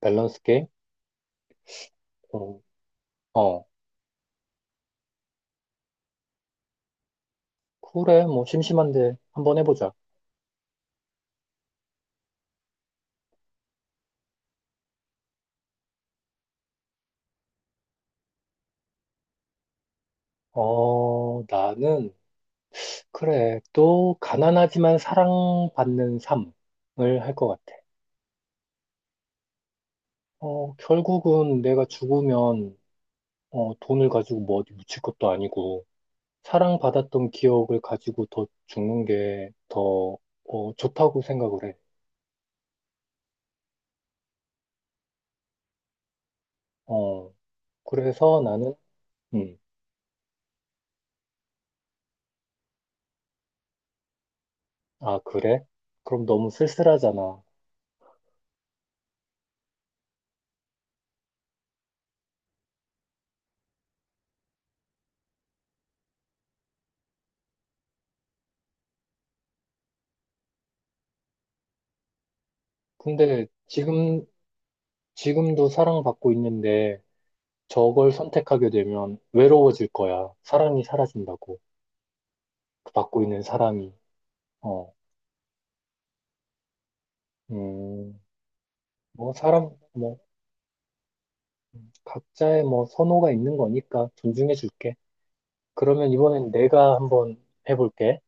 밸런스 게임? 어, 어, 그래, 뭐, 심심한데, 한번 해보자. 나는, 그래, 또, 가난하지만 사랑받는 삶을 할 것 같아. 결국은 내가 죽으면, 돈을 가지고 뭐 어디 묻힐 것도 아니고, 사랑받았던 기억을 가지고 더 죽는 게 더, 좋다고 생각을 해. 어, 그래서 나는, 음, 아, 그래? 그럼 너무 쓸쓸하잖아. 근데 지금도 사랑받고 있는데 저걸 선택하게 되면 외로워질 거야. 사랑이 사라진다고. 그 받고 있는 사랑이. 어, 음, 뭐 사람, 뭐, 각자의 뭐 선호가 있는 거니까 존중해 줄게. 그러면 이번엔 내가 한번 해볼게.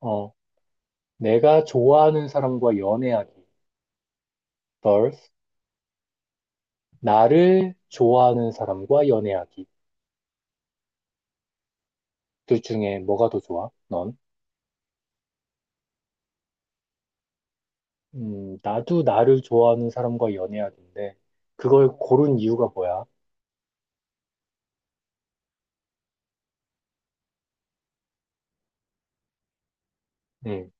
어, 내가 좋아하는 사람과 연애하기. vs 나를 좋아하는 사람과 연애하기. 둘 중에 뭐가 더 좋아? 넌? 나도 나를 좋아하는 사람과 연애해야 되는데, 그걸 고른 이유가 뭐야? 음,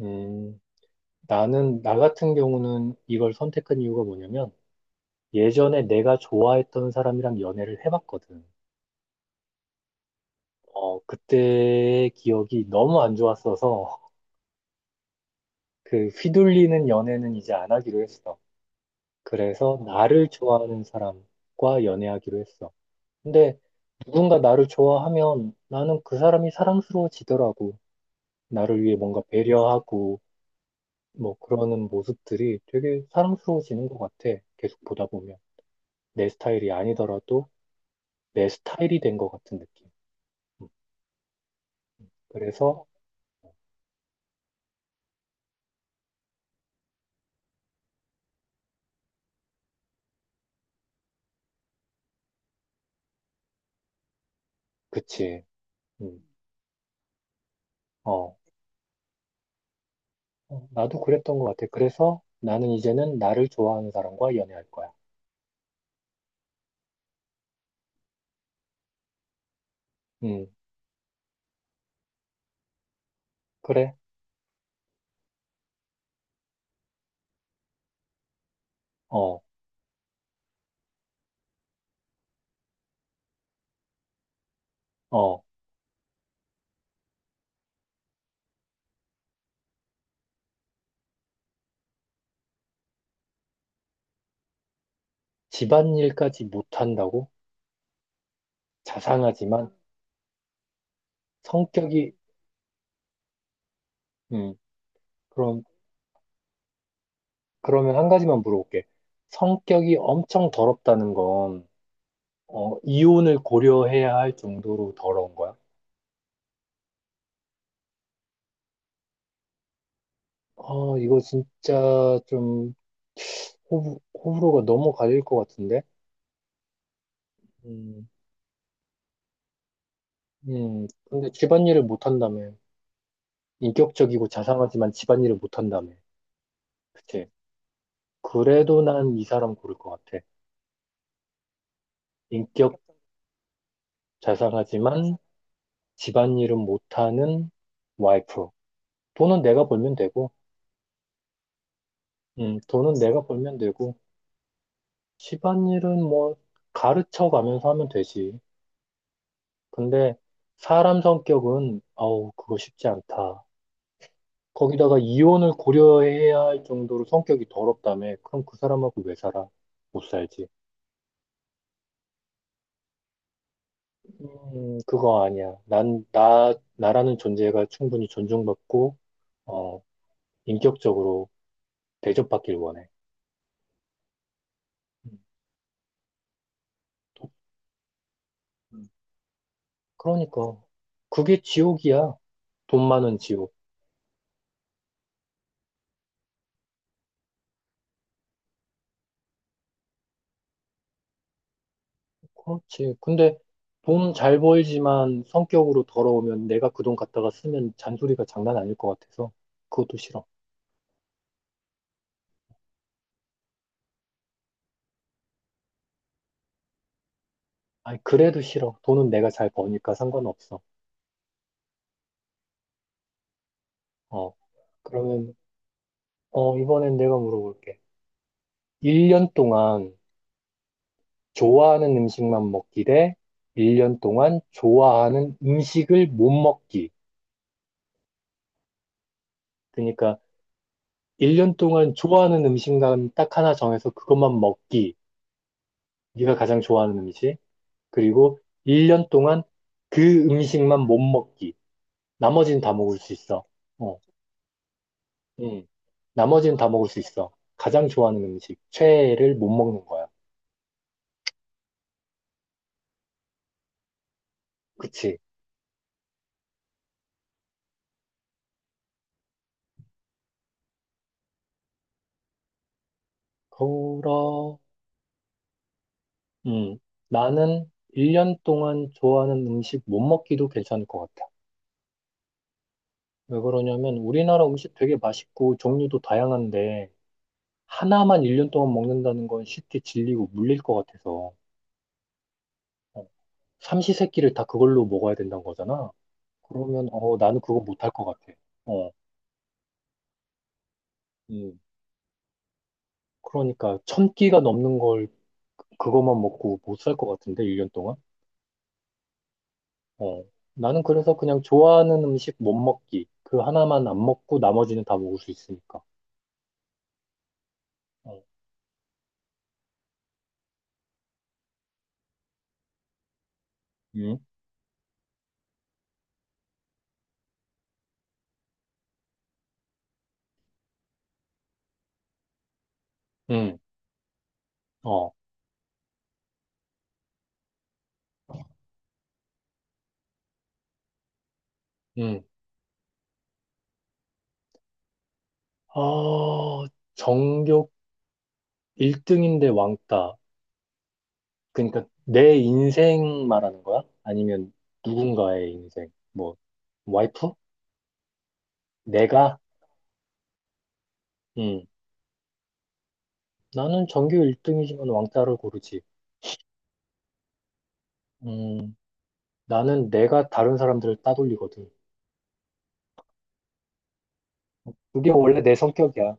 음, 나 같은 경우는 이걸 선택한 이유가 뭐냐면, 예전에 내가 좋아했던 사람이랑 연애를 해봤거든. 그때의 기억이 너무 안 좋았어서, 그 휘둘리는 연애는 이제 안 하기로 했어. 그래서 나를 좋아하는 사람과 연애하기로 했어. 근데 누군가 나를 좋아하면 나는 그 사람이 사랑스러워지더라고. 나를 위해 뭔가 배려하고, 뭐 그러는 모습들이 되게 사랑스러워지는 것 같아. 계속 보다 보면. 내 스타일이 아니더라도 내 스타일이 된 것 같은 느낌. 음, 그래서, 그치. 음, 어, 나도 그랬던 것 같아. 그래서 나는 이제는 나를 좋아하는 사람과 연애할 거야. 음, 그래. 어, 어. 집안일까지 못한다고? 자상하지만 성격이, 음, 그럼, 그러면 한 가지만 물어볼게. 성격이 엄청 더럽다는 건 이혼을 고려해야 할 정도로 더러운 거야? 아, 이거 진짜 좀 호불호가 너무 갈릴 것 같은데? 음, 근데 집안일을 못한다며. 인격적이고 자상하지만 집안일을 못한다며. 그치? 그래도 난 이 사람 고를 것 같아. 인격 자상하지만 집안일은 못하는 와이프. 돈은 내가 벌면 되고, 돈은 내가 벌면 되고, 집안일은 뭐 가르쳐 가면서 하면 되지. 근데 사람 성격은 아우 그거 쉽지 않다. 거기다가 이혼을 고려해야 할 정도로 성격이 더럽다며. 그럼 그 사람하고 왜 살아? 못 살지. 그거 아니야. 나라는 존재가 충분히 존중받고, 어, 인격적으로 대접받길 원해. 음, 도- 음. 그러니까. 그게 지옥이야. 돈 많은 지옥. 그렇지. 근데 돈 잘 벌지만 성격으로 더러우면 내가 그 돈 갖다가 쓰면 잔소리가 장난 아닐 것 같아서 그것도 싫어. 아니, 그래도 싫어. 돈은 내가 잘 버니까 상관없어. 어, 그러면, 이번엔 내가 물어볼게. 1년 동안 좋아하는 음식만 먹기 대 1년 동안 좋아하는 음식을 못 먹기. 그러니까 1년 동안 좋아하는 음식만 딱 하나 정해서 그것만 먹기. 네가 가장 좋아하는 음식. 그리고 1년 동안 그 음식만 못 먹기. 나머지는 다 먹을 수 있어. 어, 음. 나머지는 다 먹을 수 있어. 가장 좋아하는 음식, 최애를 못 먹는 거야. 그치? 그러, 음, 나는 1년 동안 좋아하는 음식 못 먹기도 괜찮을 것 같아. 왜 그러냐면 우리나라 음식 되게 맛있고 종류도 다양한데 하나만 1년 동안 먹는다는 건 쉽게 질리고 물릴 것 같아서 어, 삼시세끼를 다 그걸로 먹어야 된다는 거잖아. 그러면 나는 그거 못할 것 같아. 어, 음. 그러니까 천 끼가 넘는 걸 그것만 먹고 못 살 것 같은데 1년 동안. 어, 나는 그래서 그냥 좋아하는 음식 못 먹기 그 하나만 안 먹고 나머지는 다 먹을 수 있으니까. 어, 음, 음, 어, 음. 아 전교 1등인데 왕따. 그러니까 내 인생 말하는 거야? 아니면 누군가의 인생? 뭐 와이프? 내가? 음. 나는 전교 1등이지만 왕따를 고르지. 음, 나는 내가 다른 사람들을 따돌리거든. 그게 원래 내 성격이야.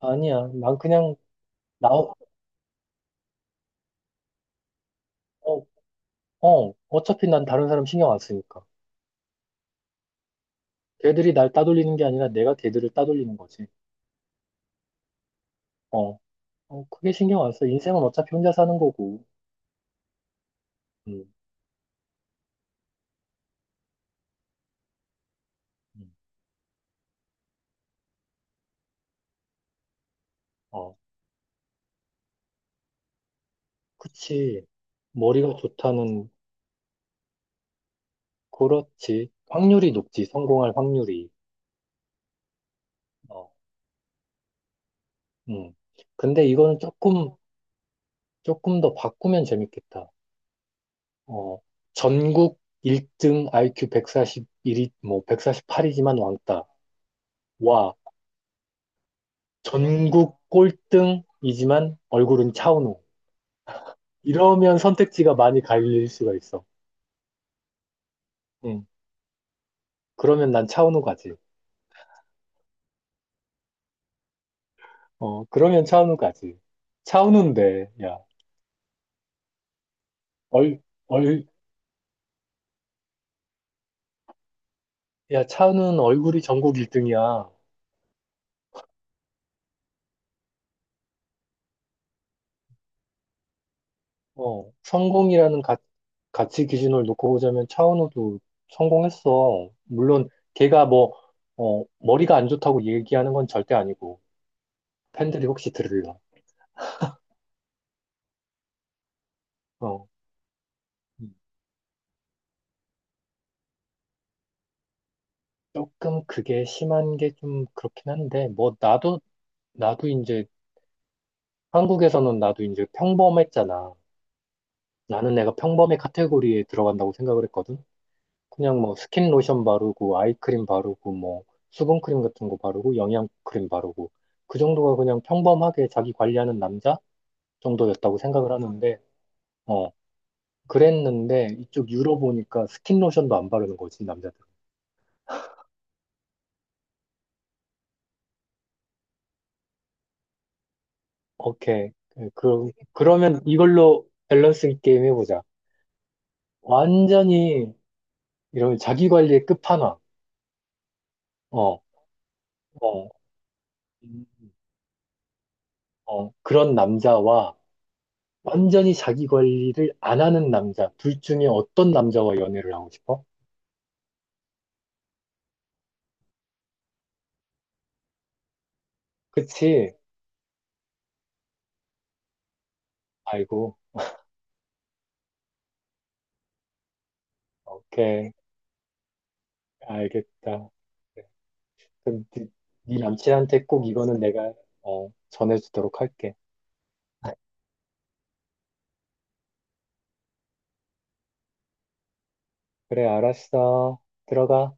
아니야. 난 그냥, 나, 어, 어, 어차피 난 다른 사람 신경 안 쓰니까. 걔들이 날 따돌리는 게 아니라 내가 걔들을 따돌리는 거지. 어, 그게 신경 안 써. 인생은 어차피 혼자 사는 거고. 음, 음, 어, 그치. 머리가 좋다는, 그렇지. 확률이 높지. 성공할 확률이. 어, 음. 근데 이거는 조금 더 바꾸면 재밌겠다. 어, 전국 1등 IQ 141이, 뭐, 148이지만 왕따. 와, 전국 꼴등이지만 얼굴은 차은우. 이러면 선택지가 많이 갈릴 수가 있어. 응. 그러면 난 차은우 가지. 그러면 차은우 가지. 차은우인데, 야, 얼, 얼, 야, 차은우는 얼굴이 전국 1등이야. 성공이라는 가치 기준을 놓고 보자면 차은우도 성공했어. 물론 걔가 뭐, 머리가 안 좋다고 얘기하는 건 절대 아니고 팬들이 혹시 들을라. 어, 음. 조금 그게 심한 게 좀 그렇긴 한데 뭐 나도 나도 이제 한국에서는 나도 이제 평범했잖아. 나는 내가 평범의 카테고리에 들어간다고 생각을 했거든. 그냥 뭐 스킨 로션 바르고 아이크림 바르고 뭐 수분크림 같은 거 바르고 영양크림 바르고 그 정도가 그냥 평범하게 자기 관리하는 남자 정도였다고 생각을 하는데 어 그랬는데 이쪽 유럽 보니까 스킨 로션도 안 바르는 거지 남자들. 오케이. 그 그러면 이걸로 밸런스 게임 해보자. 완전히 이런 자기 관리의 끝판왕. 어 어, 음, 그런 남자와 완전히 자기 관리를 안 하는 남자, 둘 중에 어떤 남자와 연애를 하고 싶어? 그치? 아이고, 오케이, 알겠다. 그래. 그럼 네 남친한테 꼭 이거는 내가 전해주도록 할게. 그래, 알았어. 들어가.